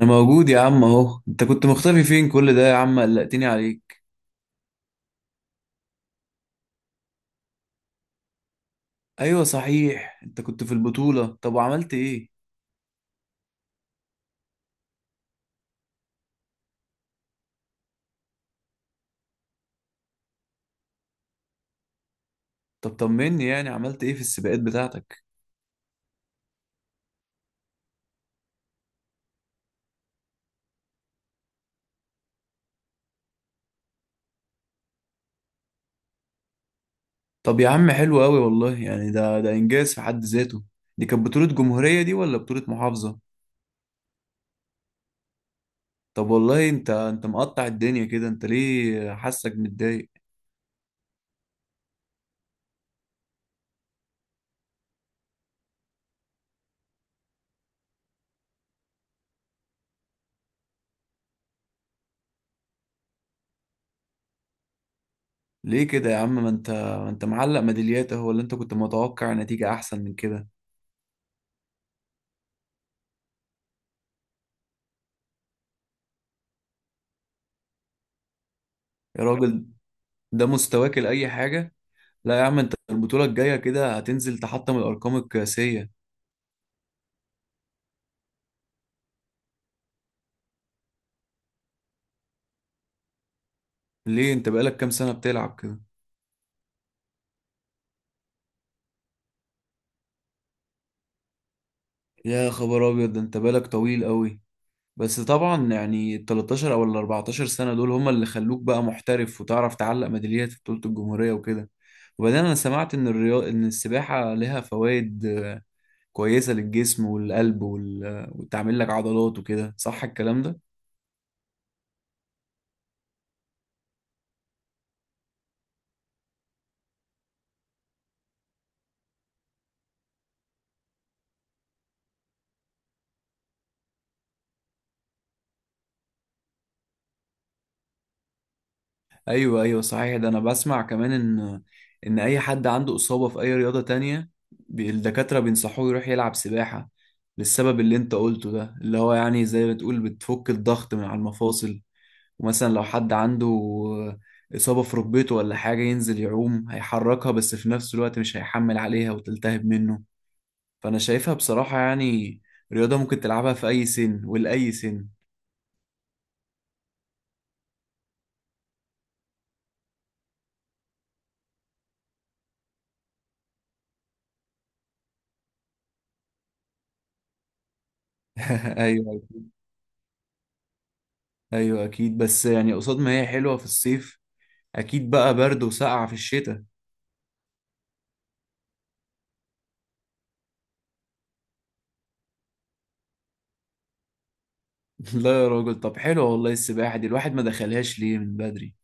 انا موجود يا عم اهو. انت كنت مختفي فين كل ده يا عم؟ قلقتني عليك. ايوه صحيح، انت كنت في البطولة، طب وعملت ايه؟ طب طمني يعني عملت ايه في السباقات بتاعتك؟ طب يا عم حلو قوي والله، يعني ده انجاز في حد ذاته. دي كانت بطولة جمهورية دي ولا بطولة محافظة؟ طب والله انت مقطع الدنيا كده، انت ليه حاسك متضايق؟ ليه كده يا عم؟ ما انت معلق ميداليات اهو، ولا انت كنت متوقع نتيجة احسن من كده؟ يا راجل، ده مستواك لأي حاجة. لا يا عم، انت البطولة الجاية كده هتنزل تحطم الأرقام القياسية. ليه انت بقالك كام سنة بتلعب كده؟ يا خبر أبيض، ده انت بقالك طويل قوي. بس طبعا يعني ال 13 أو ال 14 سنة دول هما اللي خلوك بقى محترف وتعرف تعلق ميداليات في بطولة الجمهورية وكده. وبعدين أنا سمعت إن الرياض، إن السباحة لها فوائد كويسة للجسم والقلب وال... آه، وتعمل لك عضلات وكده، صح الكلام ده؟ ايوه ايوه صحيح، ده انا بسمع كمان ان ان اي حد عنده اصابه في اي رياضه تانية الدكاتره بينصحوه يروح يلعب سباحه، للسبب اللي انت قلته ده، اللي هو يعني زي ما تقول بتفك الضغط من على المفاصل. ومثلا لو حد عنده اصابه في ركبته ولا حاجه، ينزل يعوم هيحركها بس في نفس الوقت مش هيحمل عليها وتلتهب منه. فانا شايفها بصراحه يعني رياضه ممكن تلعبها في اي سن ولاي سن. ايوه ايوه اكيد، بس يعني قصاد ما هي حلوه في الصيف، اكيد بقى برد وسقعة في الشتاء. لا يا راجل، طب حلو والله، السباحة دي الواحد ما دخلهاش ليه من بدري؟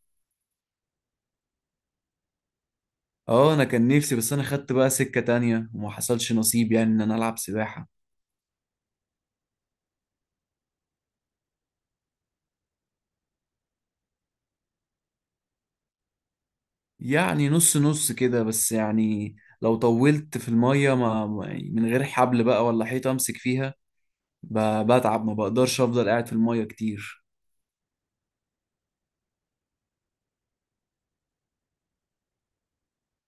اه انا كان نفسي، بس انا خدت بقى سكة تانية وما حصلش نصيب يعني ان انا العب سباحة. يعني نص نص كده، بس يعني لو طولت في المية من غير حبل بقى ولا حيطة امسك فيها، بتعب، ما بقدرش افضل قاعد في المية كتير.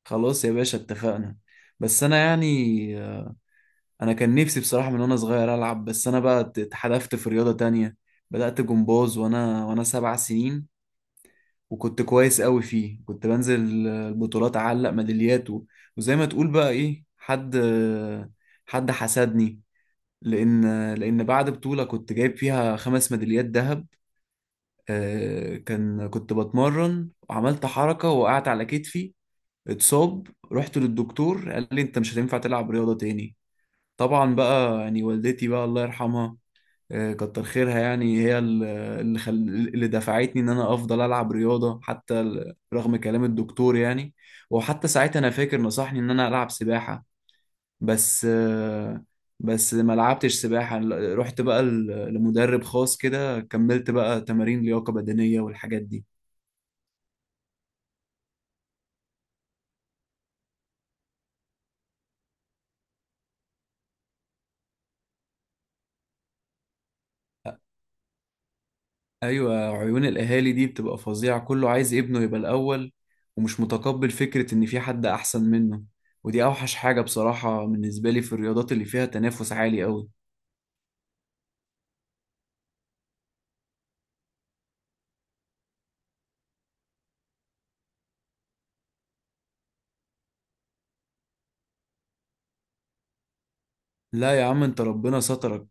خلاص يا باشا اتفقنا. بس انا يعني انا كان نفسي بصراحة من وانا صغير العب، بس انا بقى اتحدفت في رياضة تانية. بدأت جمباز وانا سبع سنين، وكنت كويس قوي فيه، كنت بنزل البطولات اعلق ميداليات وزي ما تقول بقى ايه، حد حسدني، لان لان بعد بطولة كنت جايب فيها خمس ميداليات ذهب، كنت بتمرن وعملت حركة وقعت على كتفي، اتصاب. رحت للدكتور قال لي انت مش هتنفع تلعب رياضة تاني. طبعا بقى يعني والدتي بقى الله يرحمها، كتر خيرها، يعني هي اللي خل... اللي دفعتني ان انا افضل العب رياضه، حتى رغم كلام الدكتور يعني. وحتى ساعتها انا فاكر نصحني ان انا العب سباحه، بس بس ما لعبتش سباحه، رحت بقى لمدرب خاص كده، كملت بقى تمارين لياقه بدنيه والحاجات دي. ايوه، عيون الاهالي دي بتبقى فظيعه، كله عايز ابنه يبقى الاول ومش متقبل فكره ان في حد احسن منه. ودي اوحش حاجه بصراحه بالنسبه لي في الرياضات اللي فيها تنافس عالي قوي. لا يا عم، انت ربنا سترك.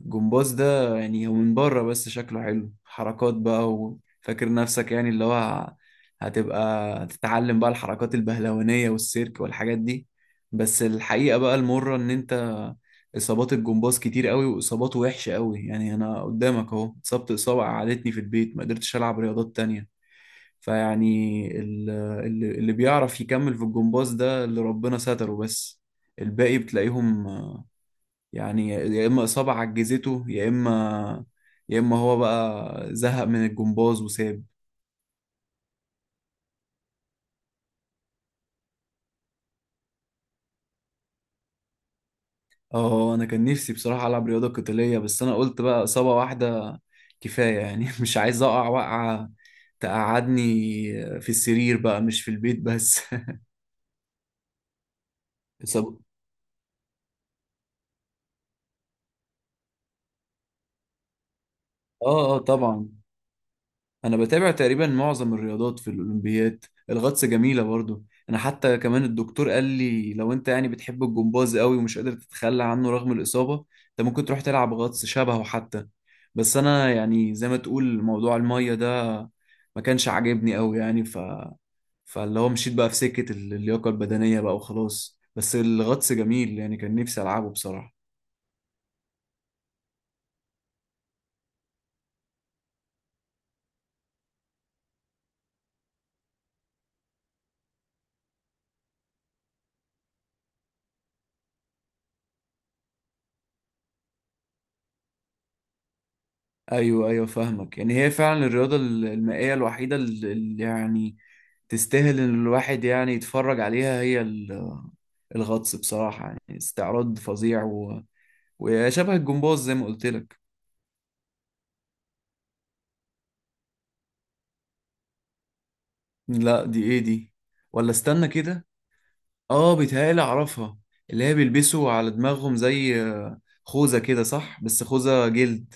الجمباز ده يعني هو من بره بس شكله حلو، حركات بقى وفاكر نفسك يعني اللي هو هتبقى تتعلم بقى الحركات البهلوانية والسيرك والحاجات دي. بس الحقيقة بقى المرة ان انت اصابات الجمباز كتير قوي، واصاباته وحشة قوي، يعني انا قدامك اهو، اتصبت اصابة قعدتني في البيت ما قدرتش العب رياضات تانية. فيعني اللي بيعرف يكمل في الجمباز ده اللي ربنا ستره بس. الباقي بتلاقيهم يعني يا اما اصابه عجزته، يا اما، يا اما هو بقى زهق من الجمباز وساب. اه انا كان نفسي بصراحه العب رياضه قتاليه، بس انا قلت بقى اصابه واحده كفايه يعني مش عايز اقع وقعه تقعدني في السرير بقى مش في البيت بس. إصابة- اه اه طبعا، انا بتابع تقريبا معظم الرياضات في الاولمبياد، الغطس جميله برضو. انا حتى كمان الدكتور قال لي لو انت يعني بتحب الجمباز قوي ومش قادر تتخلى عنه رغم الاصابه، انت ممكن تروح تلعب غطس شبهه حتى. بس انا يعني زي ما تقول موضوع الميه ده ما كانش عاجبني قوي يعني، فاللي هو مشيت بقى في سكه اللياقه البدنيه بقى وخلاص. بس الغطس جميل، يعني كان نفسي العبه بصراحه. ايوه ايوه فاهمك، يعني هي فعلا الرياضه المائيه الوحيده اللي يعني تستاهل ان الواحد يعني يتفرج عليها، هي الغطس بصراحه يعني استعراض فظيع و وشبه الجمباز زي ما قلت لك. لا دي ايه دي؟ ولا استنى كده، اه بيتهيألي اعرفها، اللي هي بيلبسوا على دماغهم زي خوذه كده صح، بس خوذه جلد.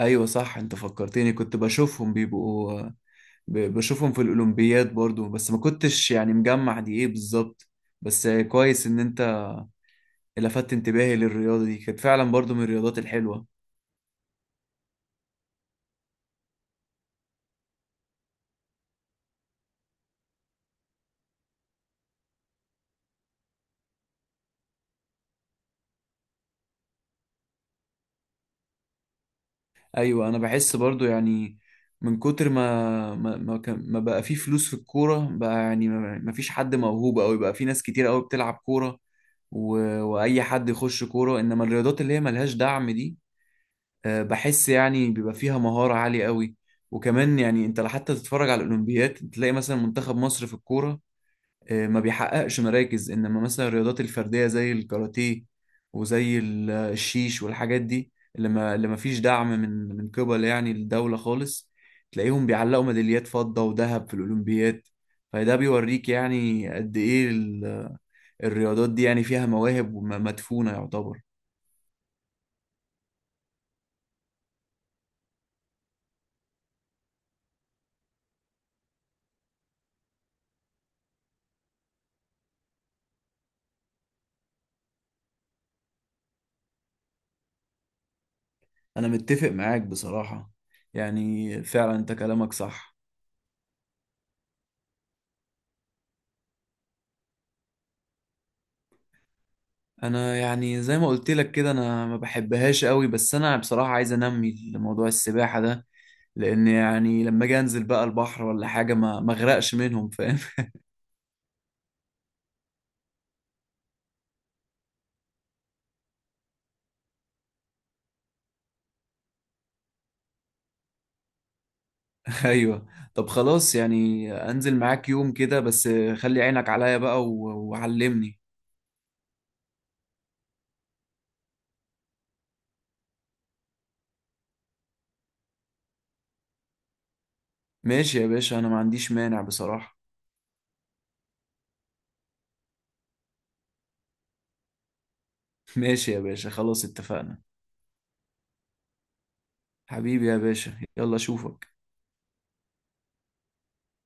ايوه صح، انت فكرتني، كنت بشوفهم بيبقوا، بشوفهم في الأولمبياد برضو بس ما كنتش يعني مجمع دي ايه بالظبط. بس كويس ان انت لفتت انتباهي للرياضة دي، كانت فعلا برضو من الرياضات الحلوة. ايوه انا بحس برضو يعني من كتر ما كان ما بقى في فلوس في الكورة بقى، يعني ما فيش حد موهوب أوي بقى، في ناس كتير أوي بتلعب كورة و وأي حد يخش كورة. إنما الرياضات اللي هي ملهاش دعم دي، بحس يعني بيبقى فيها مهارة عالية أوي. وكمان يعني أنت حتى تتفرج على الأولمبياد تلاقي مثلا منتخب مصر في الكورة، ما بيحققش مراكز، انما مثلا الرياضات الفرديه زي الكاراتيه وزي الشيش والحاجات دي، اللي ما فيش دعم من قبل يعني الدوله خالص، تلاقيهم بيعلقوا ميداليات فضه وذهب في الاولمبياد. فده بيوريك يعني قد ايه الرياضات دي يعني فيها مواهب وم- مدفونه يعتبر. انا متفق معاك بصراحه، يعني فعلا انت كلامك صح. انا يعني زي ما قلت لك كده انا ما بحبهاش قوي، بس انا بصراحه عايز انمي موضوع السباحه ده، لان يعني لما اجي انزل بقى البحر ولا حاجه ما اغرقش منهم، فاهم. ايوه، طب خلاص يعني انزل معاك يوم كده بس، خلي عينك عليا بقى وعلمني. ماشي يا باشا، انا ما عنديش مانع بصراحه. ماشي يا باشا خلاص اتفقنا. حبيبي يا باشا، يلا اشوفك.